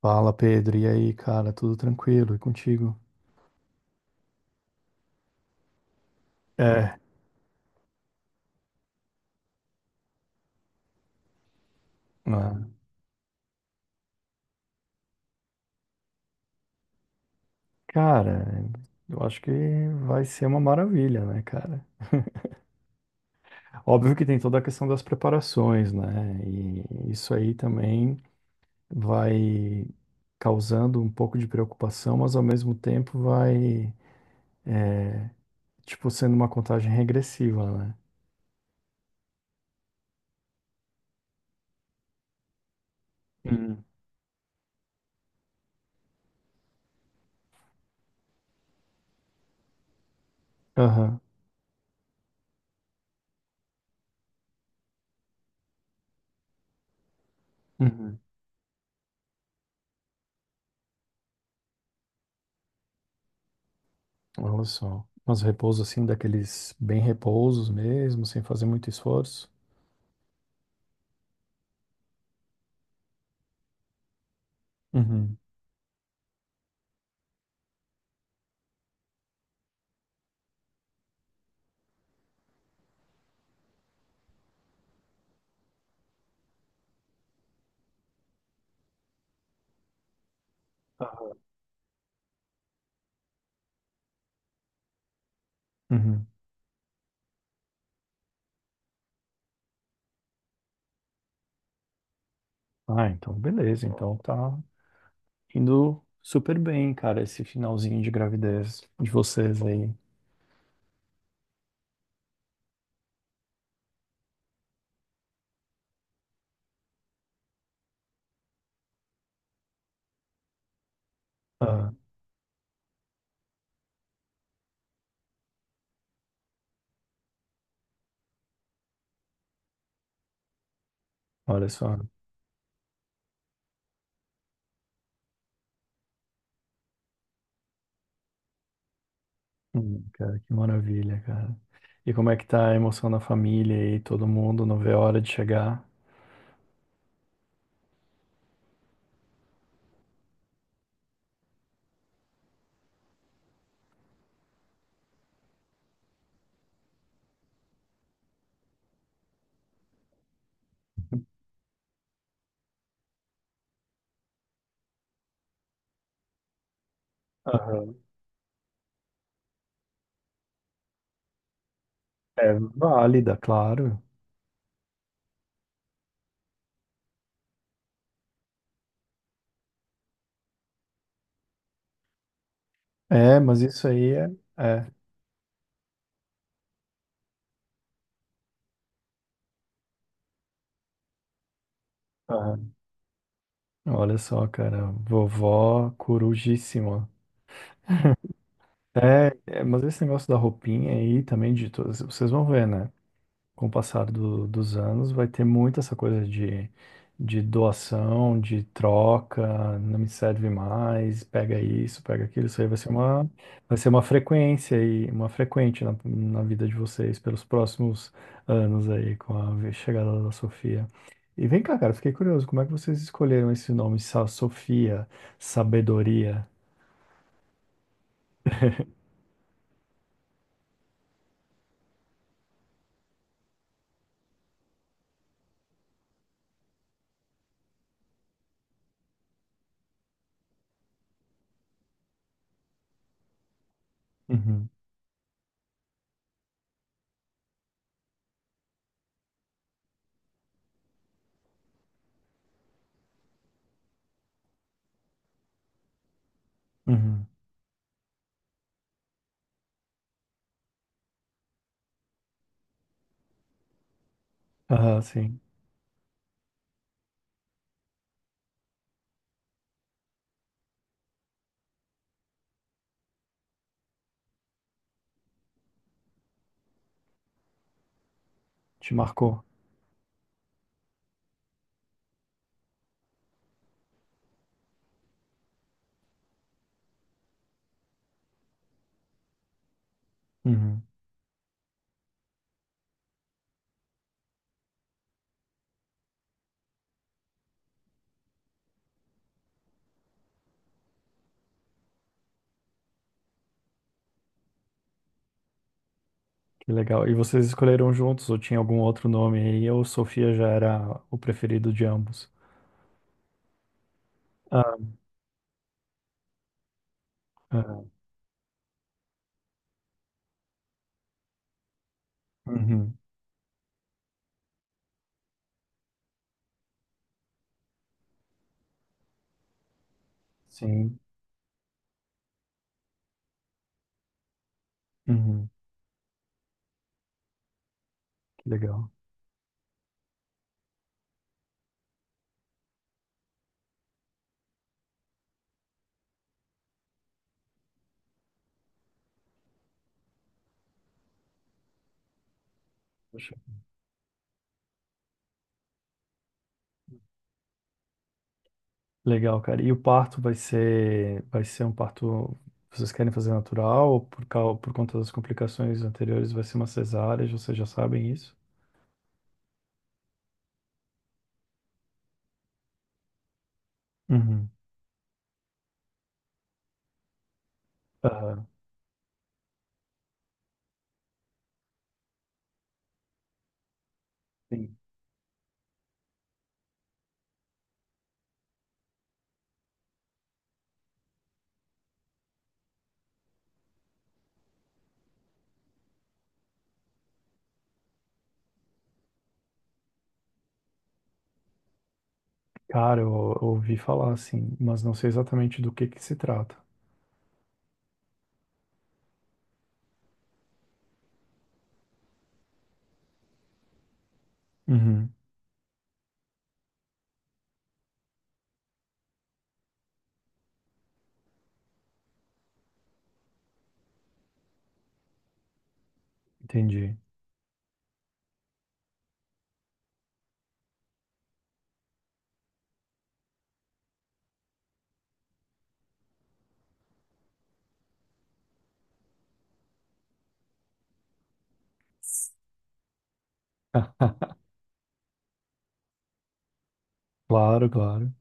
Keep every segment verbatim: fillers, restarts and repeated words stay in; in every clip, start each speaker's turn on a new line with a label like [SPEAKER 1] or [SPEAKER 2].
[SPEAKER 1] Fala, Pedro. E aí, cara? Tudo tranquilo? E contigo? É, né? Cara, eu acho que vai ser uma maravilha, né, cara? Óbvio que tem toda a questão das preparações, né? E isso aí também vai causando um pouco de preocupação, mas ao mesmo tempo vai, tipo, sendo uma contagem regressiva, né? Uhum. Aham. Uhum. Olha só. Mas repouso assim, daqueles bem repousos mesmo, sem fazer muito esforço. Uhum. Uhum. Ah, então beleza. Então tá indo super bem, cara, esse finalzinho de gravidez de vocês aí. Ah, olha só. Hum, cara, que maravilha, cara. E como é que tá a emoção na família aí? Todo mundo não vê a hora de chegar? Aham. É válida, claro. É, mas isso aí é. É. Aham. Olha só, cara, vovó corujíssima. É, é, mas esse negócio da roupinha aí também de todas, vocês vão ver, né? Com o passar do- dos anos, vai ter muito essa coisa de, de doação, de troca, não me serve mais, pega isso, pega aquilo. Isso aí vai ser uma, Vai ser uma frequência e uma frequente na, na vida de vocês pelos próximos anos aí, com a ve- chegada da Sofia. E vem cá, cara, fiquei curioso, como é que vocês escolheram esse nome, Sa- Sofia, sabedoria? Uhum, uhum. Aham, sim, te marcou. Uhum. Que legal. E vocês escolheram juntos ou tinha algum outro nome aí? Ou Sofia já era o preferido de ambos? Ah, ah, uhum, sim. Uhum, que legal. Poxa, legal, cara. E o parto vai ser, Vai ser um parto. Vocês querem fazer natural ou por, cau- por conta das complicações anteriores vai ser uma cesárea? Vocês já sabem isso? Uhum. Aham, sim. Cara, eu, eu ouvi falar assim, mas não sei exatamente do que que se trata. Uhum, entendi. Ah, claro, claro.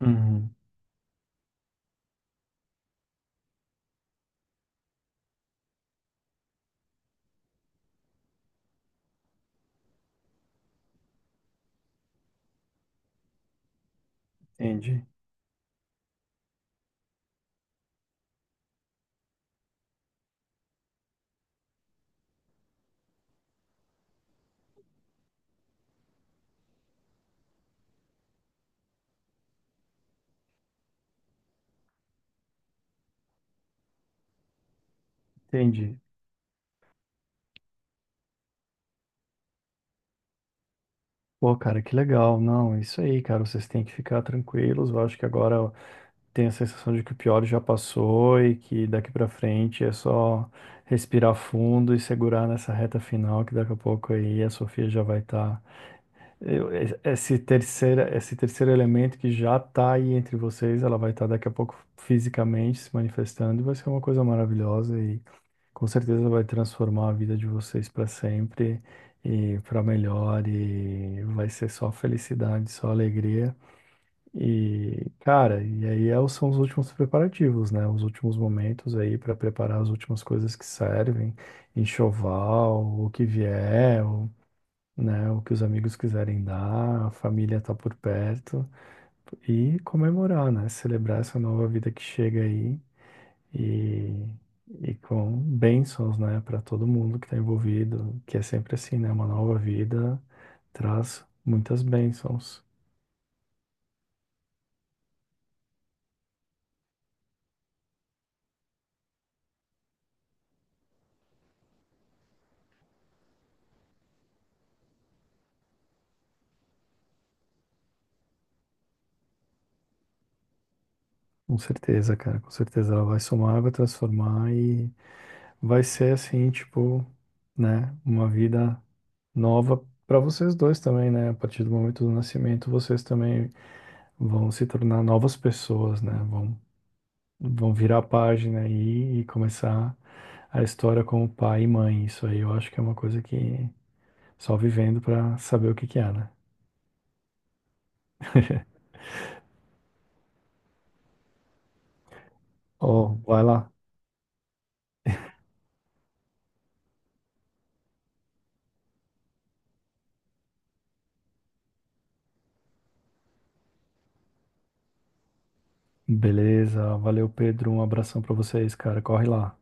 [SPEAKER 1] Uhum, entendi. Entendi. Pô, cara, que legal. Não, é isso aí, cara. Vocês têm que ficar tranquilos. Eu acho que agora tem a sensação de que o pior já passou e que daqui pra frente é só respirar fundo e segurar nessa reta final, que daqui a pouco aí a Sofia já vai estar. Esse terceira, esse terceiro elemento que já tá aí entre vocês, ela vai estar daqui a pouco fisicamente se manifestando e vai ser uma coisa maravilhosa. E com certeza vai transformar a vida de vocês para sempre e para melhor, e vai ser só felicidade, só alegria. E, cara, e aí é são os últimos preparativos, né? Os últimos momentos aí para preparar as últimas coisas que servem, enxoval, o que vier, o, né, o que os amigos quiserem dar, a família tá por perto e comemorar, né? Celebrar essa nova vida que chega aí e, e com bênçãos, né, para todo mundo que está envolvido, que é sempre assim, né? Uma nova vida traz muitas bênçãos. Com certeza, cara, com certeza ela vai somar, vai transformar e vai ser assim, tipo, né, uma vida nova para vocês dois também, né? A partir do momento do nascimento, vocês também vão se tornar novas pessoas, né? Vão, vão virar a página aí e começar a história como pai e mãe. Isso aí eu acho que é uma coisa que só vivendo pra saber o que que é, né? Ó, vai lá. Beleza, valeu, Pedro. Um abração pra vocês, cara. Corre lá.